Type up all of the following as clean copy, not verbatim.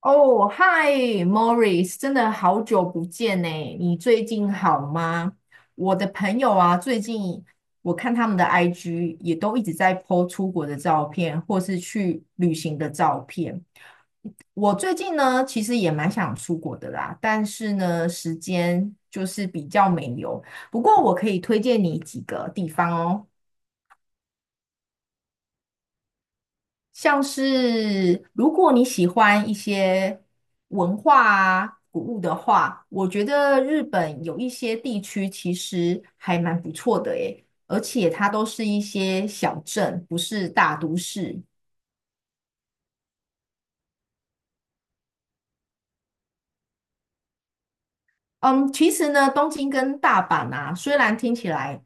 哦，嗨，Morris，真的好久不见呢，你最近好吗？我的朋友啊，最近我看他们的 IG 也都一直在 po 出国的照片，或是去旅行的照片。我最近呢，其实也蛮想出国的啦，但是呢，时间就是比较没有。不过我可以推荐你几个地方哦。像是如果你喜欢一些文化啊、古物的话，我觉得日本有一些地区其实还蛮不错的诶，而且它都是一些小镇，不是大都市。嗯，其实呢，东京跟大阪啊，虽然听起来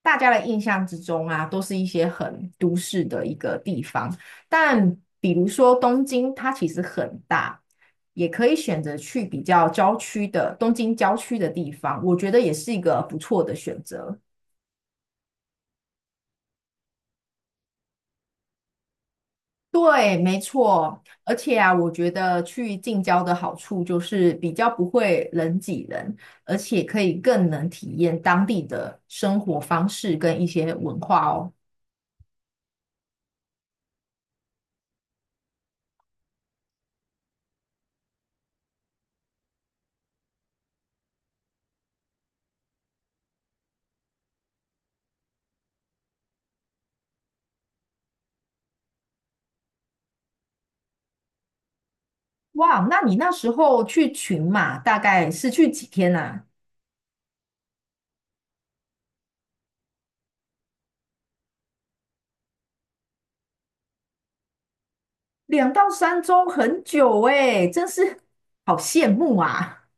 大家的印象之中啊，都是一些很都市的一个地方，但比如说东京，它其实很大，也可以选择去比较郊区的东京郊区的地方，我觉得也是一个不错的选择。对，没错，而且啊，我觉得去近郊的好处就是比较不会人挤人，而且可以更能体验当地的生活方式跟一些文化哦。哇，那你那时候去群马大概是去几天啊？两到三周，很久诶，真是好羡慕啊！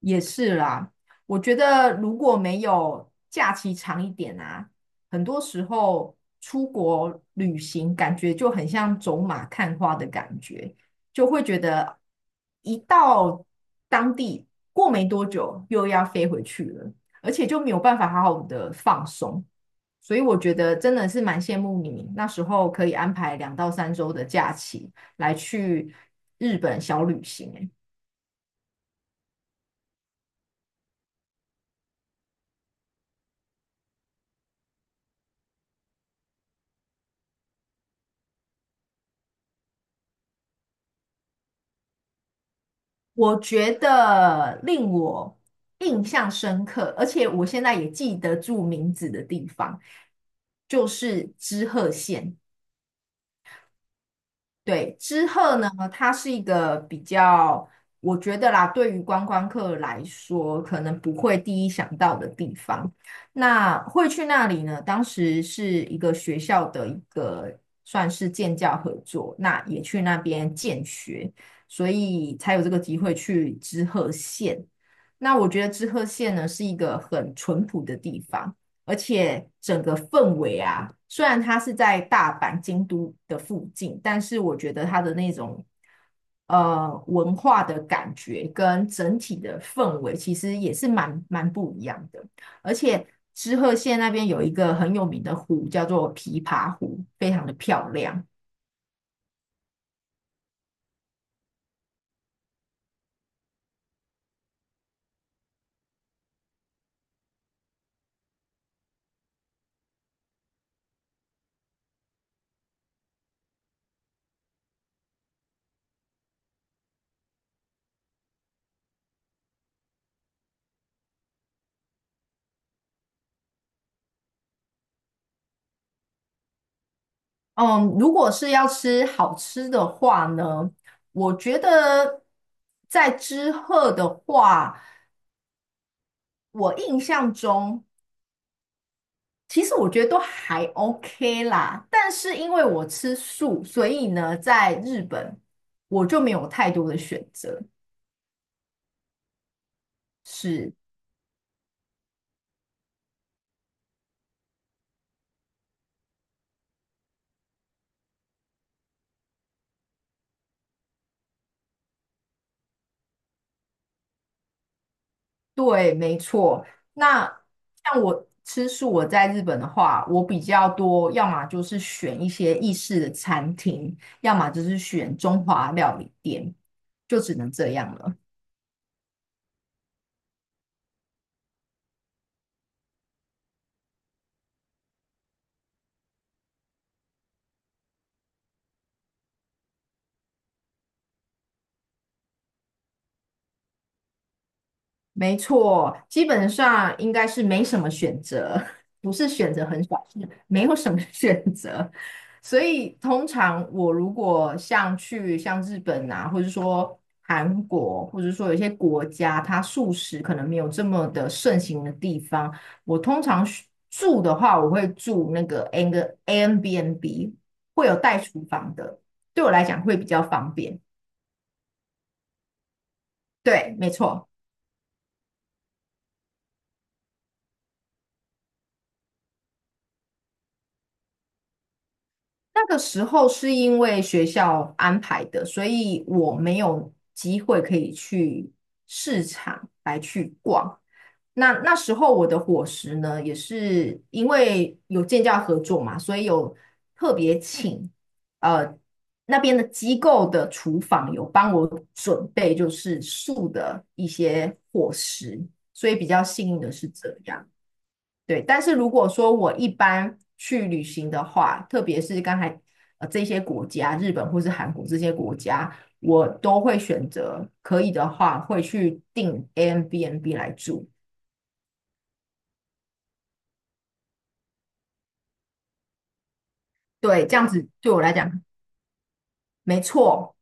也是啦，我觉得如果没有假期长一点啊，很多时候出国旅行感觉就很像走马看花的感觉，就会觉得一到当地过没多久又要飞回去了，而且就没有办法好好的放松。所以我觉得真的是蛮羡慕你那时候可以安排两到三周的假期来去日本小旅行欸。我觉得令我印象深刻，而且我现在也记得住名字的地方，就是知鹤县。对，知鹤呢，它是一个比较，我觉得啦，对于观光客来说，可能不会第一想到的地方。那会去那里呢？当时是一个学校的一个算是建教合作，那也去那边建学，所以才有这个机会去知鹤县。那我觉得知鹤县呢是一个很淳朴的地方。而且整个氛围啊，虽然它是在大阪、京都的附近，但是我觉得它的那种文化的感觉跟整体的氛围，其实也是蛮不一样的。而且知鹤县那边有一个很有名的湖，叫做琵琶湖，非常的漂亮。嗯，如果是要吃好吃的话呢，我觉得在知鹤的话，我印象中其实我觉得都还 OK 啦，但是因为我吃素，所以呢，在日本我就没有太多的选择。是，对，没错。那像我吃素，我在日本的话，我比较多，要么就是选一些意式的餐厅，要么就是选中华料理店，就只能这样了。没错，基本上应该是没什么选择，不是选择很少，是没有什么 选择。所以通常我如果像去像日本啊，或者说韩国，或者说有些国家，它素食可能没有这么的盛行的地方，我通常是住的话，我会住那个 ANBNB 会有带厨房的，对我来讲会比较方便。对，没错。那个时候是因为学校安排的，所以我没有机会可以去市场来去逛。那时候我的伙食呢，也是因为有建教合作嘛，所以有特别请呃那边的机构的厨房有帮我准备就是素的一些伙食，所以比较幸运的是这样。对，但是如果说我一般去旅行的话，特别是刚才这些国家，日本或是韩国这些国家，我都会选择可以的话会去订 AIBNB 来住。对，这样子对我来讲，没错。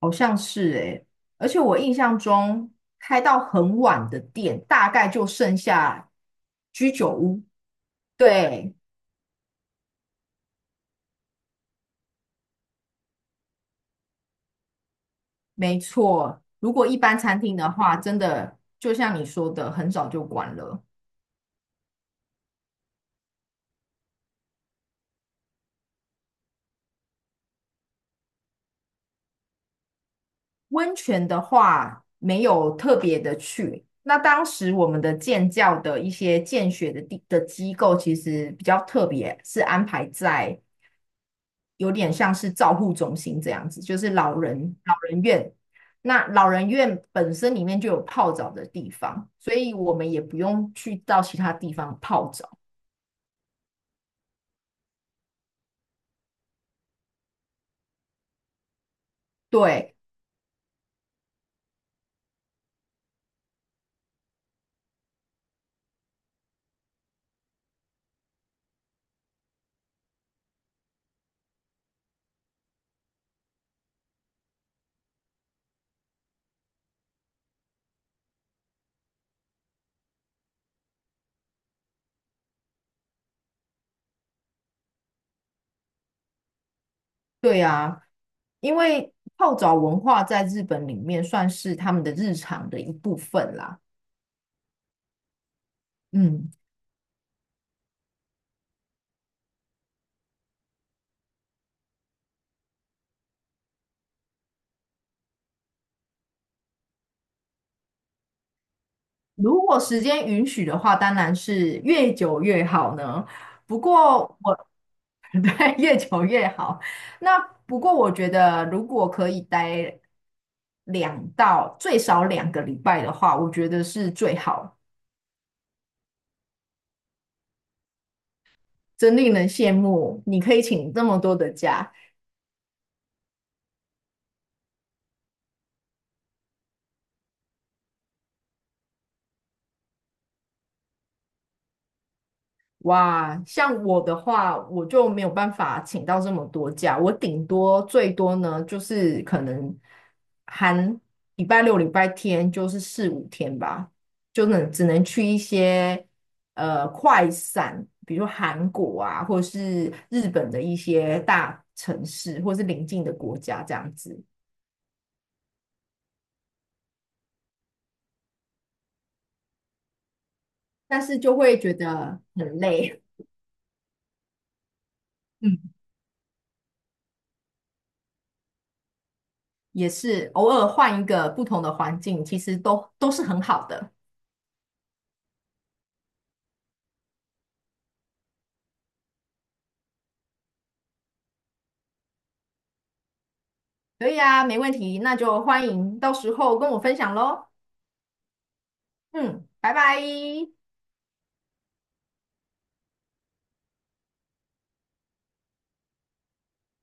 好像是诶、而且我印象中开到很晚的店，大概就剩下居酒屋。对，没错。如果一般餐厅的话，真的就像你说的，很早就关了。温泉的话，没有特别的去。那当时我们的建教的一些建学的地的机构，其实比较特别，是安排在有点像是照护中心这样子，就是老人院。那老人院本身里面就有泡澡的地方，所以我们也不用去到其他地方泡澡。对对啊，因为泡澡文化在日本里面算是他们的日常的一部分啦。嗯。如果时间允许的话，当然是越久越好呢。不过我 对越久越好。那不过我觉得，如果可以待两到最少2个礼拜的话，我觉得是最好，真令人羡慕。你可以请这么多的假。哇，像我的话，我就没有办法请到这么多假，我顶多最多呢，就是可能含礼拜六、礼拜天，就是四五天吧，就能只能去一些快闪，比如韩国啊，或是日本的一些大城市，或是邻近的国家这样子，但是就会觉得很累，嗯，也是偶尔换一个不同的环境，其实都是很好的。可以啊，没问题，那就欢迎到时候跟我分享喽。嗯，拜拜。